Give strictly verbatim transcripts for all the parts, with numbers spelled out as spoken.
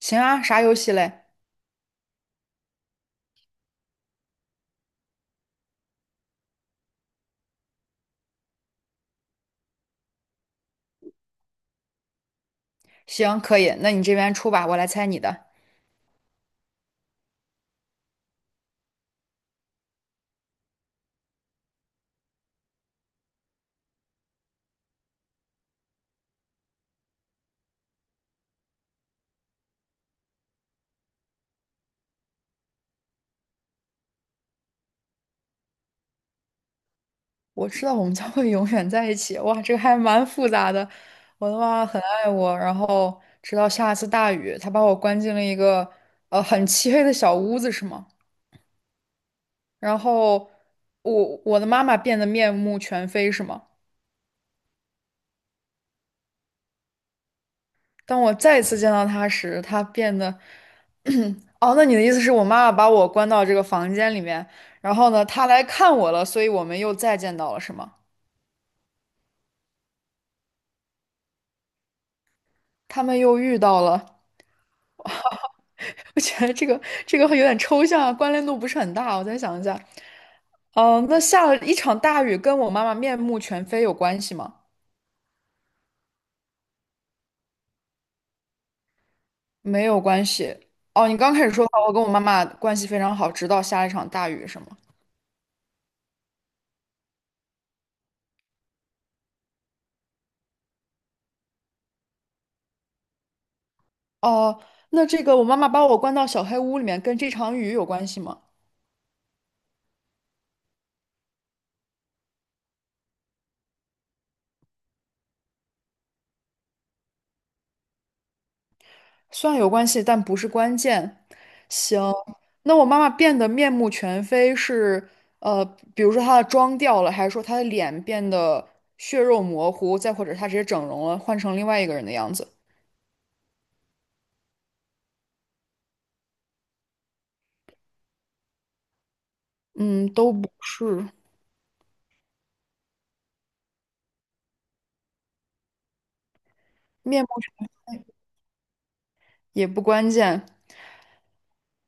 行啊，啥游戏嘞？行，可以，那你这边出吧，我来猜你的。我知道我们将会永远在一起。哇，这个还蛮复杂的。我的妈妈很爱我，然后直到下一次大雨，她把我关进了一个呃很漆黑的小屋子，是吗？然后我我的妈妈变得面目全非，是吗？当我再一次见到她时，她变得…… 哦，那你的意思是我妈妈把我关到这个房间里面，然后呢，她来看我了，所以我们又再见到了，是吗？他们又遇到了。我觉得这个这个会有点抽象啊，关联度不是很大。我再想一下，嗯、那下了一场大雨，跟我妈妈面目全非有关系吗？没有关系。哦，你刚开始说的我跟我妈妈关系非常好，直到下了一场大雨，是吗？哦，那这个我妈妈把我关到小黑屋里面，跟这场雨有关系吗？算有关系，但不是关键。行，那我妈妈变得面目全非是，呃，比如说她的妆掉了，还是说她的脸变得血肉模糊，再或者她直接整容了，换成另外一个人的样子？嗯，都不是，面目也不关键。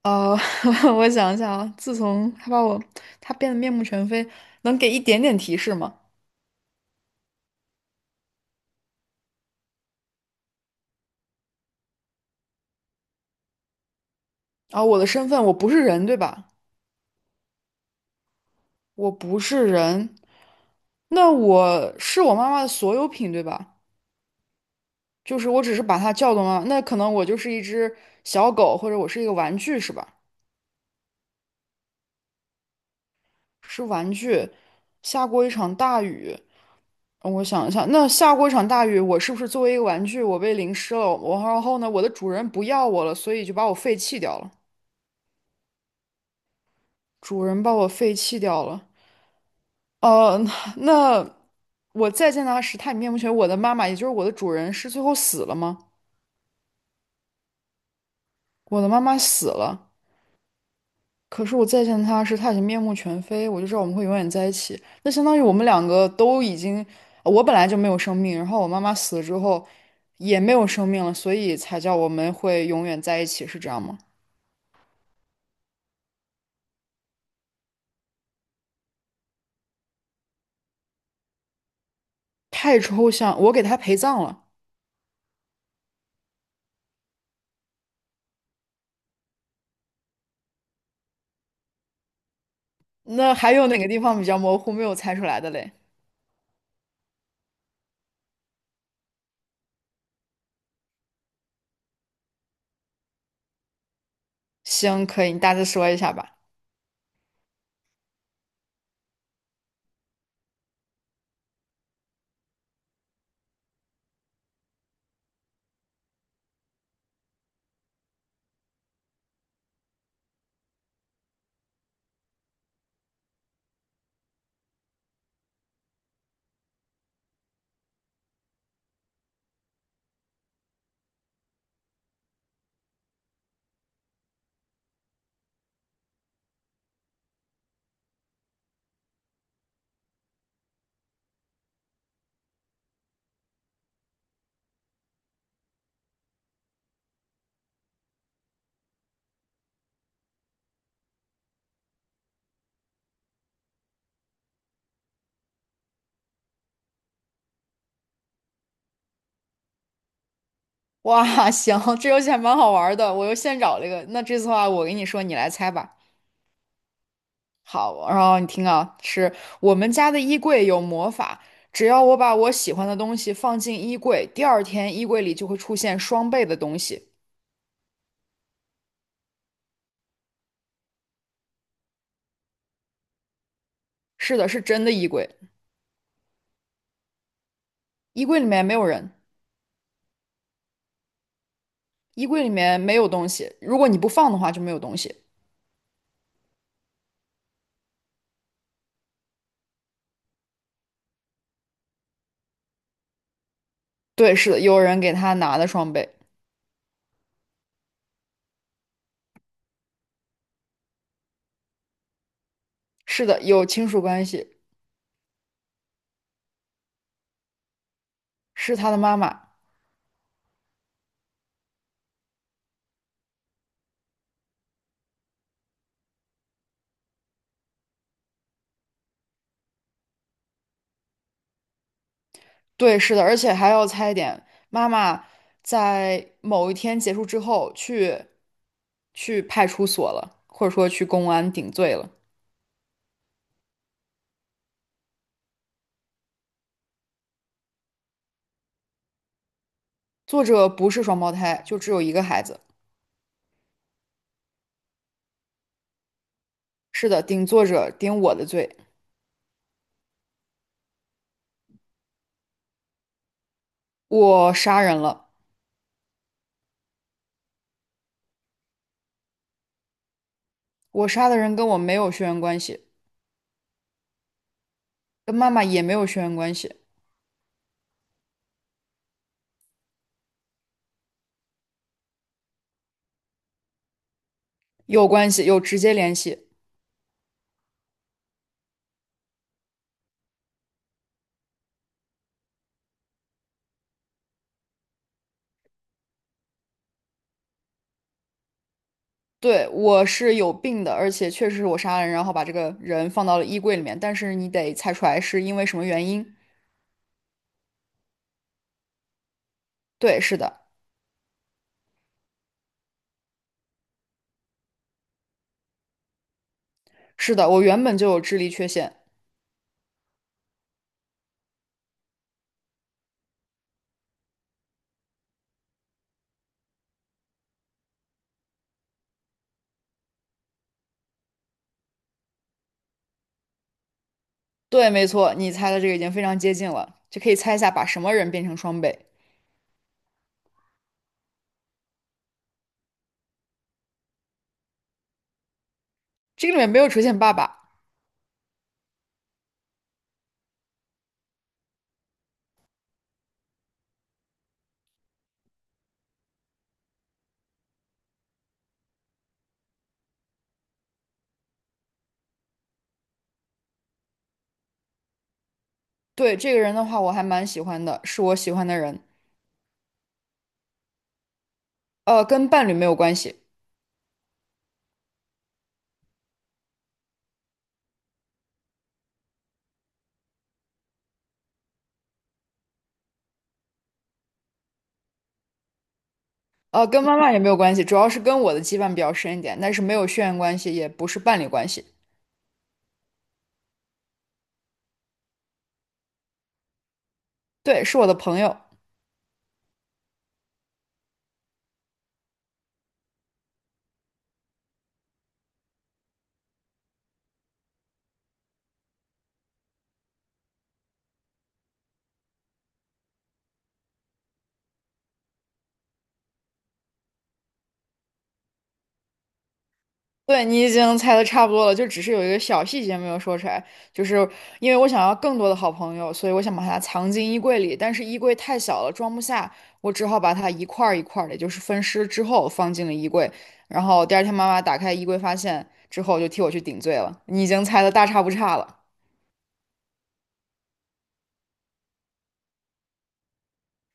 呃，我想想啊，自从她把我，她变得面目全非，能给一点点提示吗？啊，我的身份，我不是人，对吧？我不是人，那我是我妈妈的所有品，对吧？就是我只是把它叫动了，那可能我就是一只小狗，或者我是一个玩具，是吧？是玩具。下过一场大雨，嗯我想一下，那下过一场大雨，我是不是作为一个玩具，我被淋湿了？我然后呢，我的主人不要我了，所以就把我废弃掉了。主人把我废弃掉了。呃，那我再见到他时，他已面目全非。我的妈妈，也就是我的主人，是最后死了吗？我的妈妈死了。可是我再见他时，他已经面目全非，我就知道我们会永远在一起。那相当于我们两个都已经，呃我本来就没有生命，然后我妈妈死了之后也没有生命了，所以才叫我们会永远在一起，是这样吗？太抽象，我给他陪葬了。那还有哪个地方比较模糊，没有猜出来的嘞？行，可以，你大致说一下吧。哇，行，这游戏还蛮好玩的，我又现找了一个。那这次的话，我给你说，你来猜吧。好，然后你听啊，是我们家的衣柜有魔法，只要我把我喜欢的东西放进衣柜，第二天衣柜里就会出现双倍的东西。是的，是真的衣柜，衣柜里面没有人，衣柜里面没有东西，如果你不放的话就没有东西。对，是的，有人给他拿的双倍，是的，有亲属关系，是他的妈妈。对，是的，而且还要猜一点，妈妈在某一天结束之后去去派出所了，或者说去公安顶罪了。作者不是双胞胎，就只有一个孩子。是的，顶作者顶我的罪，我杀人了。我杀的人跟我没有血缘关系，跟妈妈也没有血缘关系，有关系，有直接联系。对，我是有病的，而且确实是我杀了人，然后把这个人放到了衣柜里面。但是你得猜出来是因为什么原因。对，是的，是的，我原本就有智力缺陷。对，没错，你猜的这个已经非常接近了，就可以猜一下把什么人变成双倍。这个里面没有出现爸爸。对，这个人的话，我还蛮喜欢的，是我喜欢的人。呃，跟伴侣没有关系，呃，跟妈妈也没有关系，主要是跟我的羁绊比较深一点，但是没有血缘关系，也不是伴侣关系。对，是我的朋友。对，你已经猜的差不多了，就只是有一个小细节没有说出来，就是因为我想要更多的好朋友，所以我想把它藏进衣柜里，但是衣柜太小了，装不下，我只好把它一块儿一块儿的，就是分尸之后放进了衣柜，然后第二天妈妈打开衣柜发现之后，就替我去顶罪了。你已经猜的大差不差了，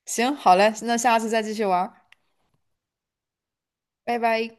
行，好嘞，那下次再继续玩儿拜拜。